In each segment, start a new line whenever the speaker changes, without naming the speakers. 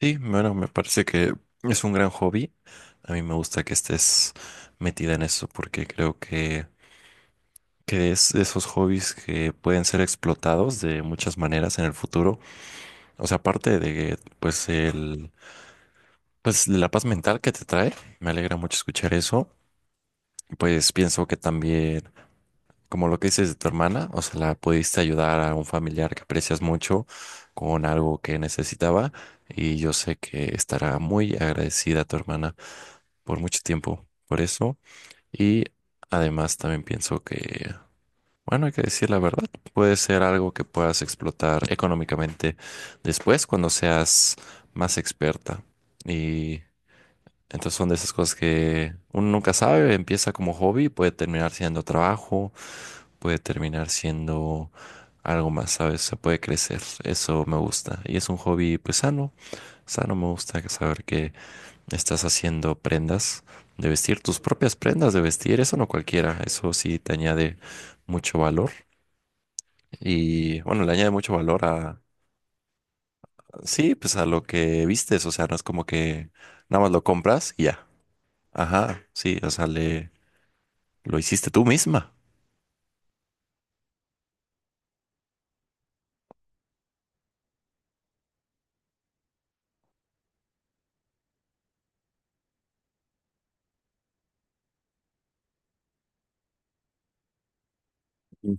Sí, bueno, me parece que es un gran hobby. A mí me gusta que estés metida en eso porque creo que es de esos hobbies que pueden ser explotados de muchas maneras en el futuro. O sea, aparte de pues la paz mental que te trae, me alegra mucho escuchar eso. Pues pienso que también, como lo que dices de tu hermana, o sea, la pudiste ayudar a un familiar que aprecias mucho con algo que necesitaba y yo sé que estará muy agradecida a tu hermana por mucho tiempo por eso. Y además también pienso que, bueno, hay que decir la verdad, puede ser algo que puedas explotar económicamente después cuando seas más experta. Y entonces son de esas cosas que uno nunca sabe, empieza como hobby, puede terminar siendo trabajo, puede terminar siendo algo más, ¿sabes? Se puede crecer. Eso me gusta. Y es un hobby, pues sano. Sano, me gusta que saber que estás haciendo prendas de vestir, tus propias prendas de vestir, eso no cualquiera, eso sí te añade mucho valor y bueno, le añade mucho valor a, sí, pues a lo que vistes, o sea, no es como que nada más lo compras y ya, ajá, sí, o sea, le, lo hiciste tú misma. Sí.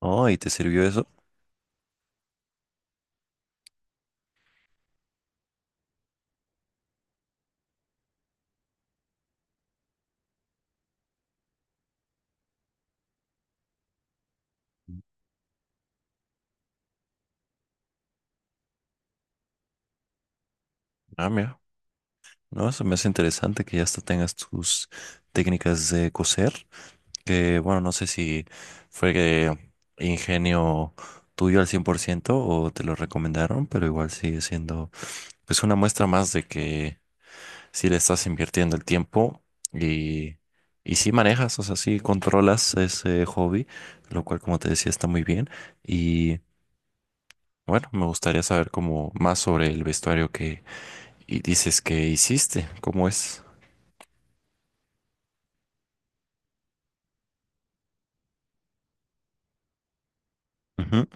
Oh, ¿y te sirvió eso? Ah, mira, no, eso me hace interesante que ya hasta tengas tus técnicas de coser. Que bueno, no sé si fue que ingenio tuyo al 100% o te lo recomendaron, pero igual sigue siendo pues una muestra más de que si le estás invirtiendo el tiempo y, y sí manejas, o sea, sí controlas ese hobby, lo cual como te decía está muy bien. Y bueno, me gustaría saber como más sobre el vestuario que dices que hiciste, cómo es. Ujú,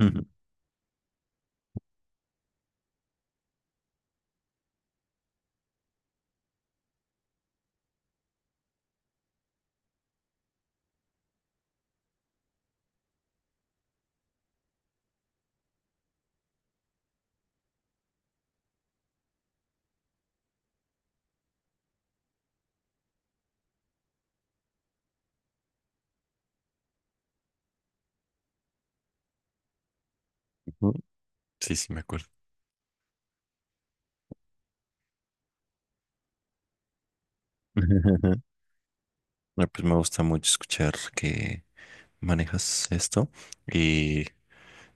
ujú, ujú. Sí, sí, me acuerdo. No. Pues me gusta mucho escuchar que manejas esto y,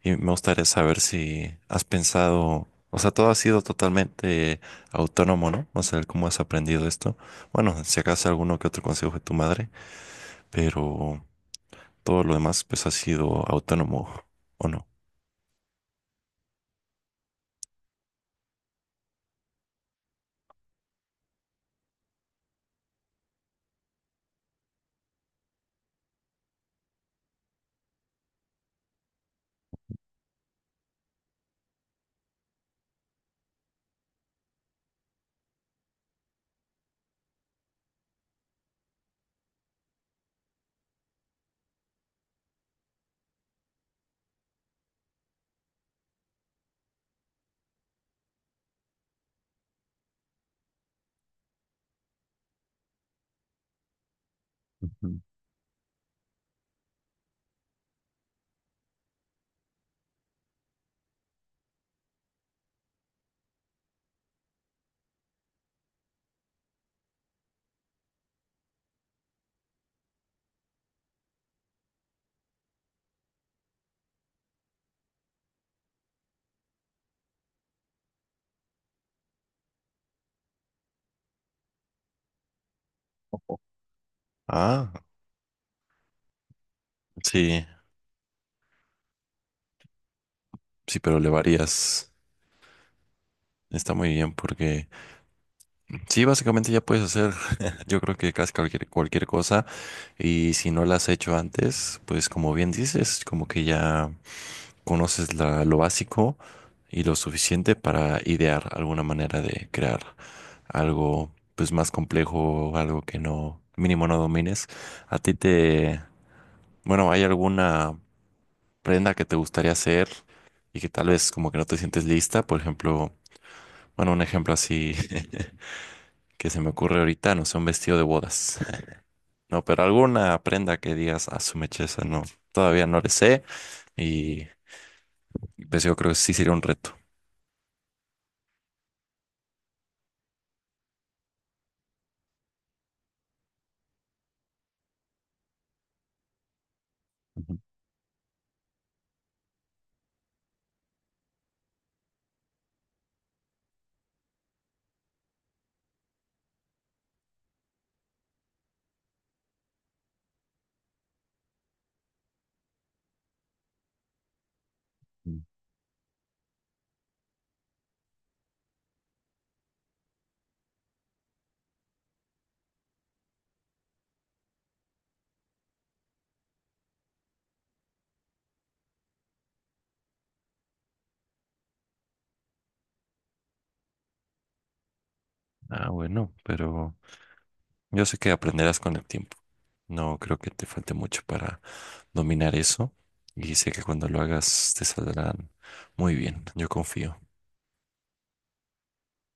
y me gustaría saber si has pensado, o sea, todo ha sido totalmente autónomo, ¿no? O sea, cómo has aprendido esto. Bueno, si acaso alguno que otro consejo de tu madre, pero todo lo demás pues ha sido autónomo, ¿o no? Ujú. Ah, sí, sí, pero le varías. Está muy bien porque sí, básicamente ya puedes hacer, yo creo que casi cualquier cosa y si no la has hecho antes, pues como bien dices, como que ya conoces la- lo básico y lo suficiente para idear alguna manera de crear algo pues más complejo, algo que no, mínimo no domines. A ti te, bueno, ¿hay alguna prenda que te gustaría hacer y que tal vez como que no te sientes lista? Por ejemplo, bueno, un ejemplo así que se me ocurre ahorita, no sé, un vestido de bodas. No, pero alguna prenda que digas, a su mecheza, no, todavía no le sé. Y pues yo creo que sí sería un reto. Ujú. Ah, bueno, pero yo sé que aprenderás con el tiempo. No creo que te falte mucho para dominar eso. Y sé que cuando lo hagas te saldrán muy bien. Yo confío.